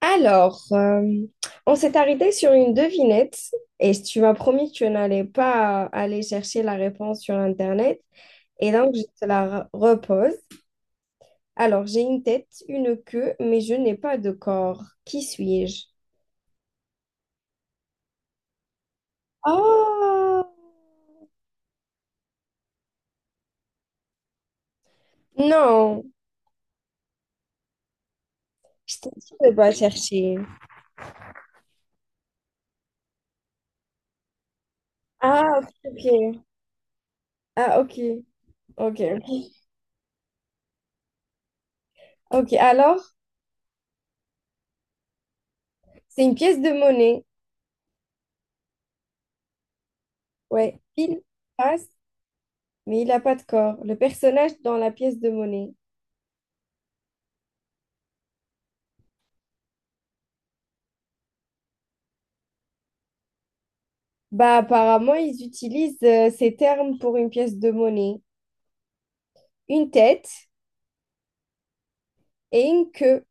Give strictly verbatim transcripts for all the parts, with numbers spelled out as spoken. Alors, euh, on s'est arrêté sur une devinette et tu m'as promis que tu n'allais pas aller chercher la réponse sur Internet et donc je te la re- repose. Alors, j'ai une tête, une queue, mais je n'ai pas de corps. Qui suis-je? Oh! Non, je t'ai dit de pas chercher. Ah, ok. Ah, ok. Ok. Ok, alors, c'est une pièce de monnaie. Ouais, pile, face, mais il n'a pas de corps. Le personnage dans la pièce de monnaie. Bah, apparemment, ils utilisent euh, ces termes pour une pièce de monnaie. Une tête et une queue,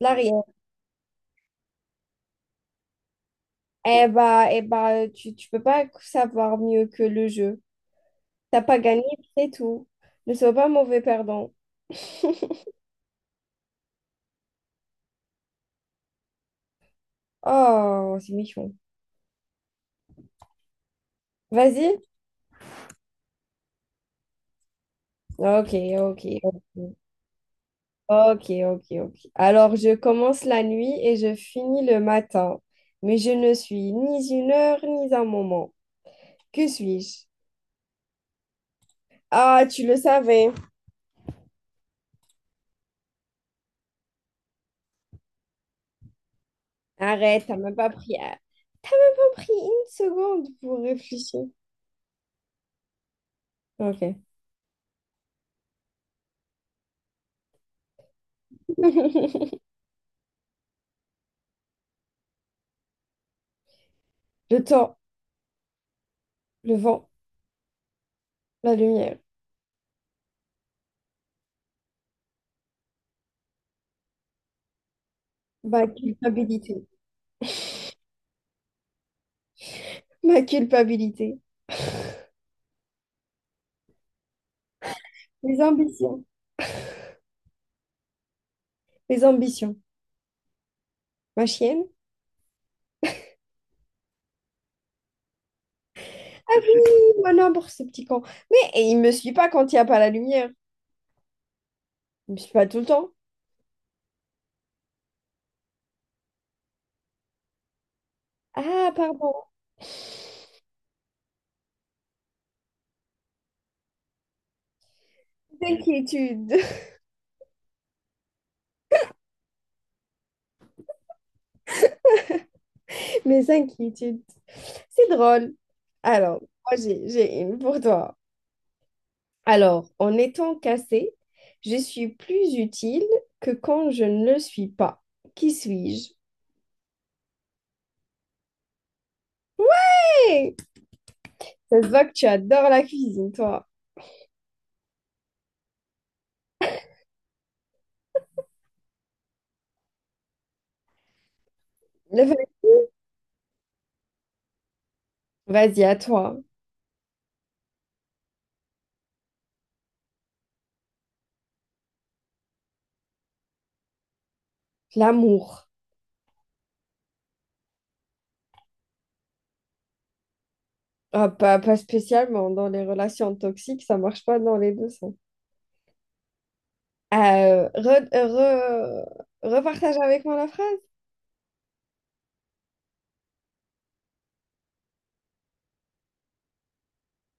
l'arrière. Eh bah, eh bah, tu, tu peux pas savoir mieux que le jeu. T'as pas gagné, c'est tout. Ne sois pas mauvais perdant. Oh, c'est mignon. Vas-y. Ok, ok, ok. Ok, ok, ok. Alors, je commence la nuit et je finis le matin. Mais je ne suis ni une heure ni un moment. Que suis-je? Ah, tu le savais. Arrête, t'as même pas pris, ah, pas pris une seconde pour réfléchir. Ok. Le temps, le vent, la lumière, ma culpabilité, ma culpabilité, mes ambitions, mes ambitions, ma chienne. Ah oui, mon amour, ce petit con. Mais et il me suit pas quand il n'y a pas la lumière. Il me suit pas tout le temps. Ah, pardon, mes inquiétudes, mes inquiétudes. C'est drôle. Alors, moi, j'ai j'ai une pour toi. Alors, en étant cassée, je suis plus utile que quand je ne le suis pas. Qui suis-je? Hey, ça se voit que tu adores la cuisine, toi. Le fait- Vas-y, à toi. L'amour. Ah, pas, pas spécialement. Dans les relations toxiques, ça marche pas dans les deux sens. Euh, re- euh, re- repartage avec moi la phrase.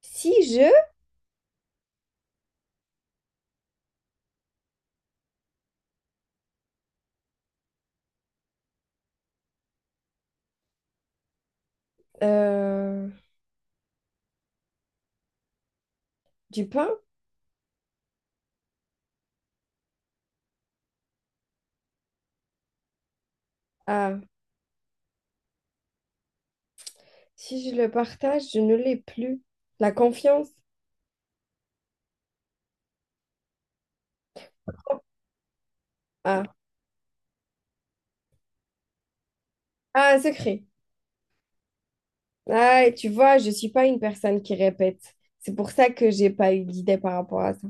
Si je… euh, du pain? Ah. Si je le partage, je ne l'ai plus. La confiance? Ah. Ah, un secret. Ah, et tu vois, je suis pas une personne qui répète. C'est pour ça que j'ai pas eu d'idée par rapport à ça.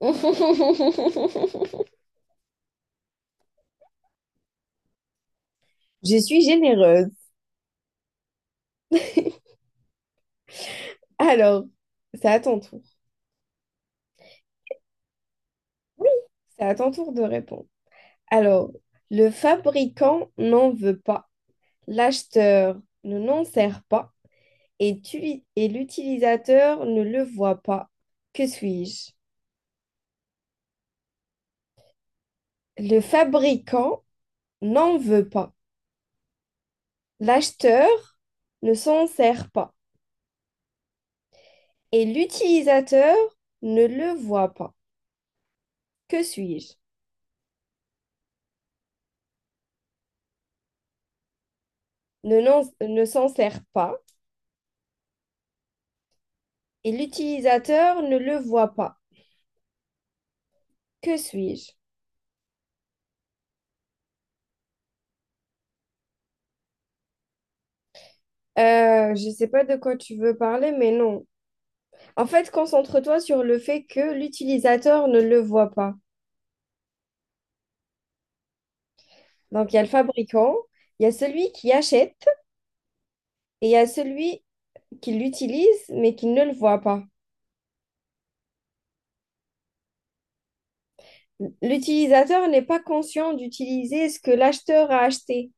Je suis généreuse. Alors, c'est à ton tour. C'est à ton tour de répondre. Alors, le fabricant n'en veut pas, l'acheteur ne n'en sert pas et, tu- et l'utilisateur ne le voit pas. Que suis-je? Le fabricant n'en veut pas, l'acheteur ne s'en sert pas, et l'utilisateur ne le voit pas. Que suis-je? Ne, non- ne s'en sert pas et l'utilisateur ne le voit pas. Que suis-je? Euh, je sais pas de quoi tu veux parler, mais non. En fait, concentre-toi sur le fait que l'utilisateur ne le voit pas. Donc, il y a le fabricant, il y a celui qui achète et il y a celui qui l'utilise, mais qui ne le voit pas. L'utilisateur n'est pas conscient d'utiliser ce que l'acheteur a acheté,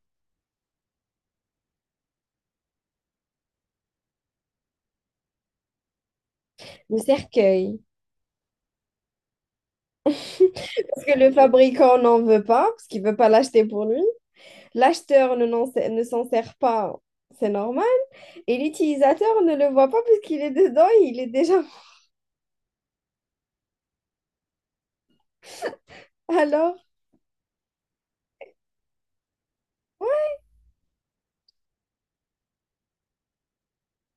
le cercueil. Parce que le fabricant n'en veut pas, parce qu'il ne veut pas l'acheter pour lui. L'acheteur ne, n'en sait- ne s'en sert pas, c'est normal. Et l'utilisateur ne le voit pas parce qu'il est dedans et il est déjà… Alors,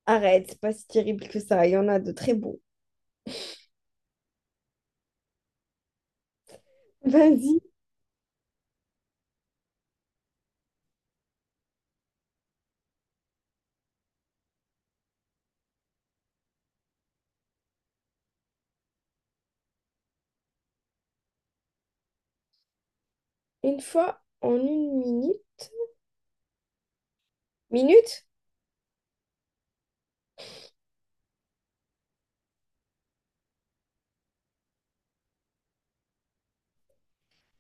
arrête, c'est pas si terrible que ça. Il y en a de très beaux. Vas-y, une fois en une minute. Minute?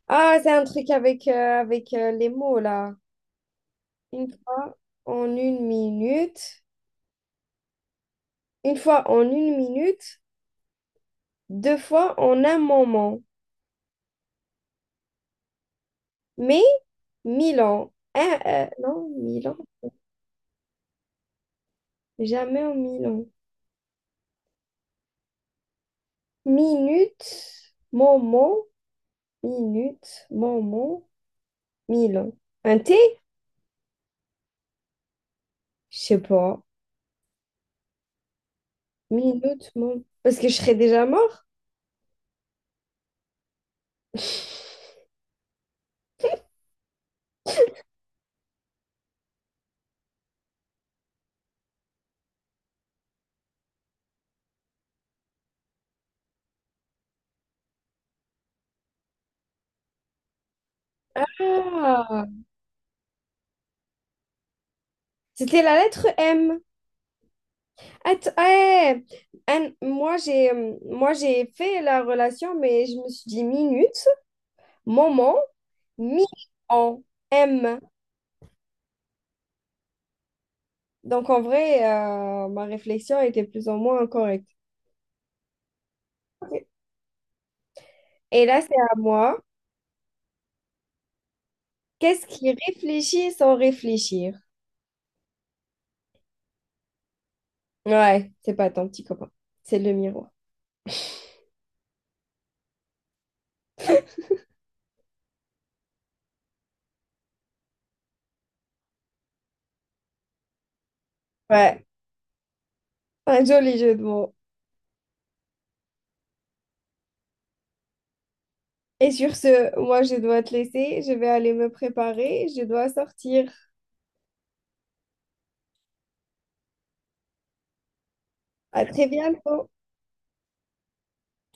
Ah, c'est un truc avec, euh, avec euh, les mots, là. Une fois en une minute. Une fois en une minute. Deux fois en un moment. Mais Milan, hein, euh, non, Milan, jamais en Milan. Minute, moment, minute, moment, Milan. Un T, je sais pas. Minute, moment. Parce que je serais déjà mort. Ah, c'était la lettre M. Att- ouais. Un- moi j'ai euh, moi j'ai fait la relation, mais je me suis dit minute, moment, mi en M. Donc, en vrai, euh, ma réflexion était plus ou moins correcte. Et là, c'est à moi. Qu'est-ce qui réfléchit sans réfléchir? Ouais, c'est pas ton petit copain, c'est le miroir. Ouais, un joli jeu de mots. Et sur ce, moi, je dois te laisser. Je vais aller me préparer. Je dois sortir. À très bientôt.